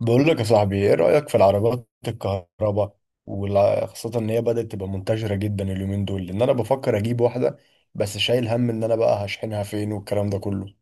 بقول لك يا صاحبي، ايه رأيك في العربيات الكهرباء؟ وخاصة ان هي بدأت تبقى منتشرة جدا اليومين دول، لان انا بفكر اجيب واحدة. بس شايل هم ان انا بقى هشحنها فين والكلام ده كله.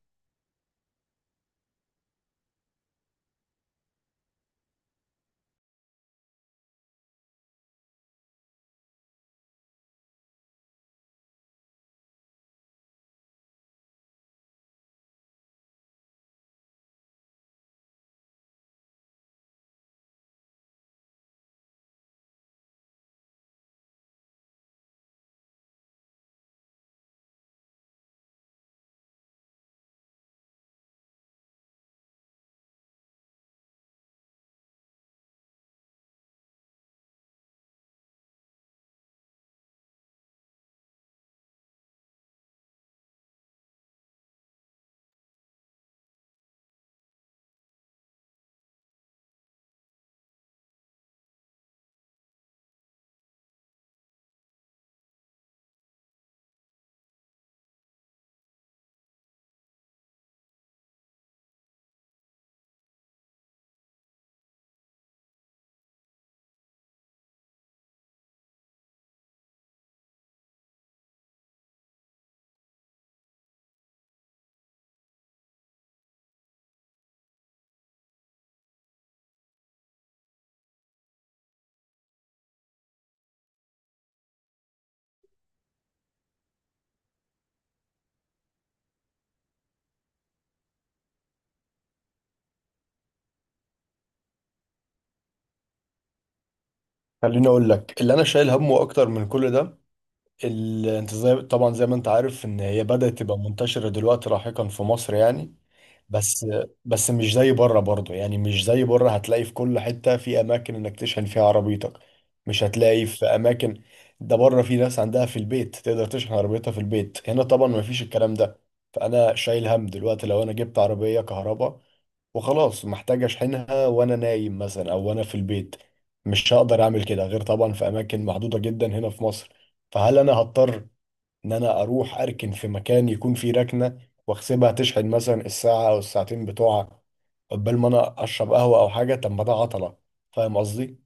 خليني اقول لك اللي انا شايل همه اكتر من كل ده. انت زي طبعا، زي ما انت عارف، ان هي بدأت تبقى منتشرة دلوقتي لاحقا في مصر، يعني بس بس مش زي بره برضه، يعني مش زي بره هتلاقي في كل حتة في أماكن إنك تشحن فيها عربيتك. مش هتلاقي في أماكن. ده بره في ناس عندها في البيت تقدر تشحن عربيتها في البيت، هنا طبعا ما فيش الكلام ده. فأنا شايل هم دلوقتي، لو أنا جبت عربية كهرباء وخلاص، محتاج أشحنها وأنا نايم مثلا، أو وأنا في البيت. مش هقدر أعمل كده غير طبعا في أماكن محدودة جدا هنا في مصر. فهل أنا هضطر ان انا اروح اركن في مكان يكون فيه ركنه، واحسبها تشحن مثلا الساعه او الساعتين بتوعها قبل ما انا اشرب قهوه او حاجه؟ طب ما ده عطله. فاهم قصدي؟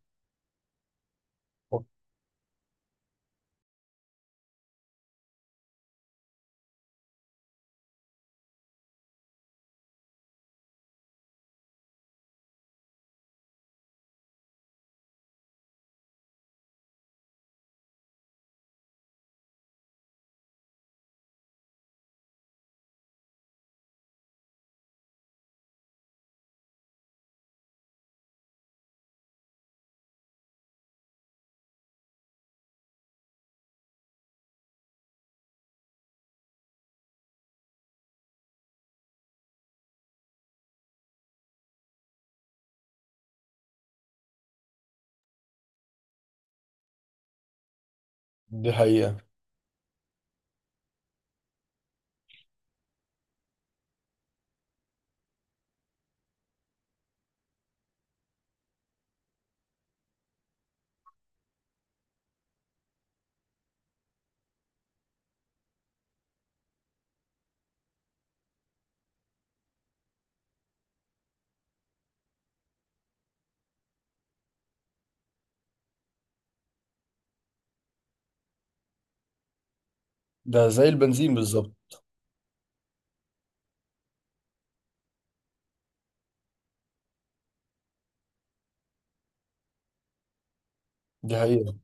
دي حقيقه. ده زي البنزين بالظبط. دي حقيقه.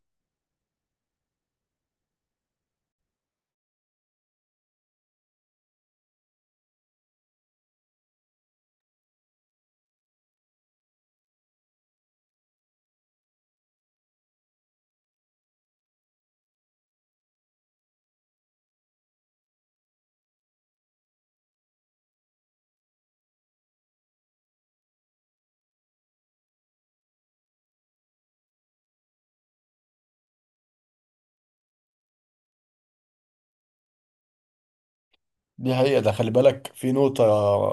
دي حقيقه. ده خلي بالك في نقطه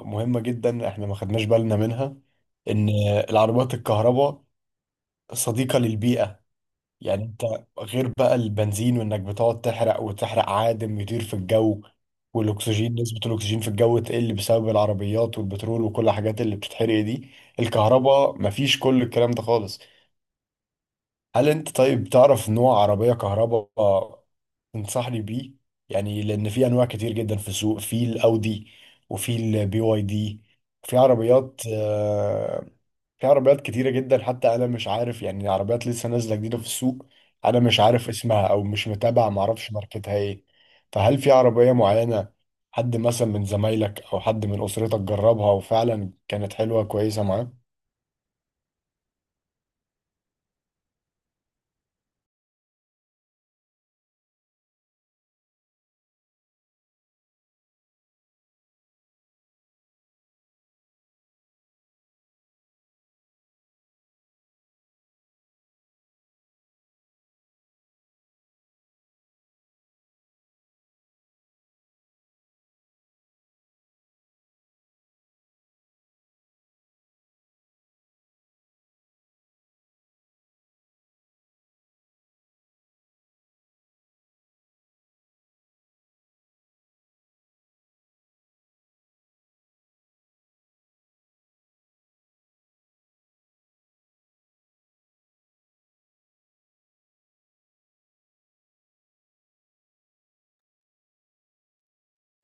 مهمه جدا احنا ما خدناش بالنا منها، ان العربيات الكهرباء صديقه للبيئه. يعني انت غير بقى البنزين، وانك بتقعد تحرق وتحرق، عادم يطير في الجو، والاكسجين، نسبة الاكسجين في الجو تقل بسبب العربيات والبترول وكل الحاجات اللي بتتحرق دي. الكهرباء مفيش كل الكلام ده خالص. هل انت طيب تعرف نوع عربية كهرباء تنصحني بيه؟ يعني لان في انواع كتير جدا في السوق، في الاودي، وفي البي واي دي، في عربيات، في عربيات كتيرة جدا. حتى أنا مش عارف، يعني عربيات لسه نازلة جديدة في السوق أنا مش عارف اسمها، أو مش متابع معرفش ماركتها إيه. فهل في عربية معينة حد مثلا من زمايلك أو حد من أسرتك جربها وفعلا كانت حلوة كويسة معاه؟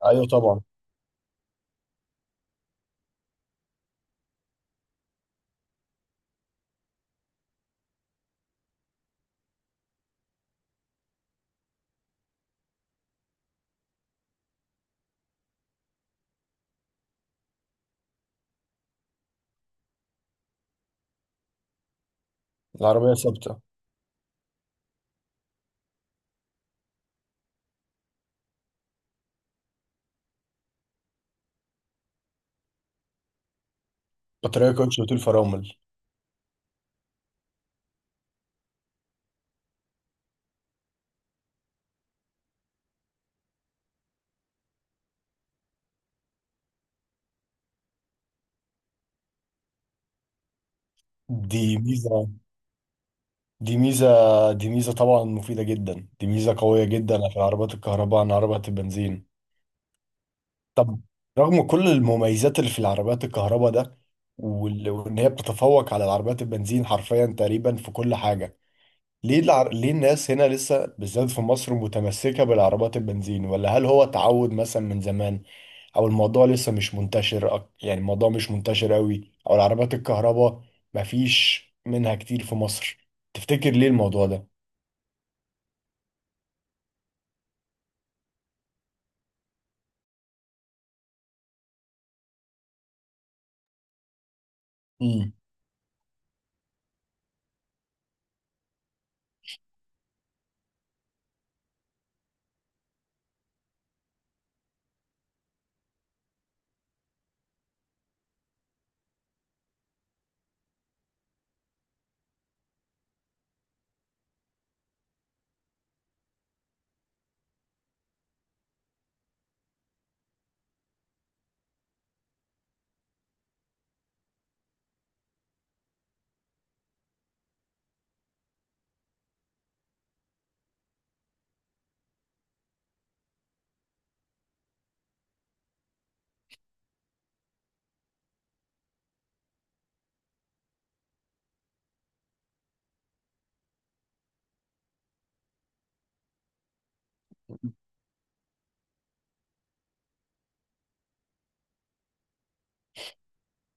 أيوة طبعا. العربية ثابتة. بطارية كوتش وطول فرامل. دي ميزة، دي ميزة، دي ميزة طبعا مفيدة جدا، دي ميزة قوية جدا في العربيات الكهرباء عن عربيات البنزين. طب، رغم كل المميزات اللي في العربيات الكهرباء ده وان هي بتتفوق على العربيات البنزين حرفيا تقريبا في كل حاجة، ليه الناس هنا لسه بالذات في مصر متمسكة بالعربيات البنزين؟ ولا هل هو تعود مثلا من زمان، او الموضوع لسه مش منتشر يعني الموضوع مش منتشر قوي، او العربيات الكهرباء مفيش منها كتير في مصر؟ تفتكر ليه الموضوع ده؟ امم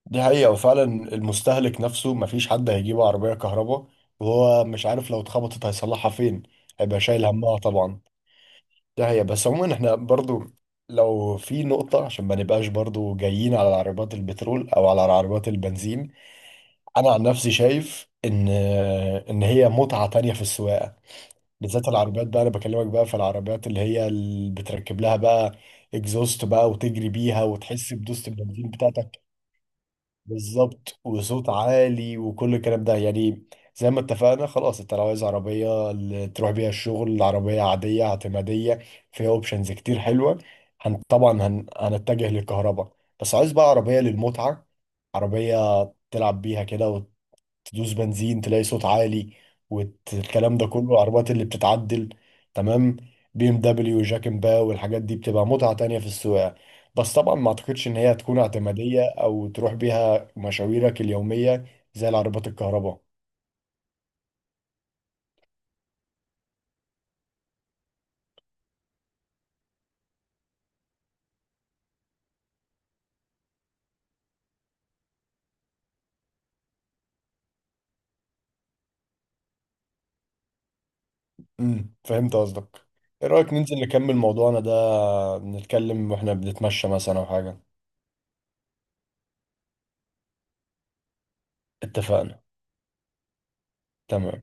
دي حقيقة وفعلا. المستهلك نفسه مفيش حد هيجيب عربية كهرباء وهو مش عارف لو اتخبطت هيصلحها فين. هيبقى شايل همها طبعا. دي حقيقة. بس عموما احنا برضو، لو في نقطة عشان ما نبقاش برضو جايين على عربيات البترول او على عربيات البنزين، انا عن نفسي شايف ان ان هي متعة تانية في السواقة. بالذات العربيات بقى، انا بكلمك بقى في العربيات اللي هي اللي بتركب لها بقى اكزوست بقى وتجري بيها وتحس بدوسة البنزين بتاعتك. بالظبط، وصوت عالي وكل الكلام ده. يعني زي ما اتفقنا خلاص، انت لو عايز عربية اللي تروح بيها الشغل، عربية عادية اعتمادية فيها اوبشنز كتير حلوة، هنتجه للكهرباء. بس عايز بقى عربية للمتعة، عربية تلعب بيها كده، تدوس بنزين تلاقي صوت عالي والكلام ده كله. العربيات اللي بتتعدل، تمام، بي ام دبليو، جاك، ان باو، والحاجات دي بتبقى متعة تانية في السواقة. بس طبعا ما اعتقدش ان هي هتكون اعتمادية او تروح بيها مشاويرك اليومية زي العربيات الكهرباء. فهمت قصدك. ايه رأيك ننزل نكمل موضوعنا ده، نتكلم واحنا بنتمشى مثلا او حاجة؟ اتفقنا. تمام.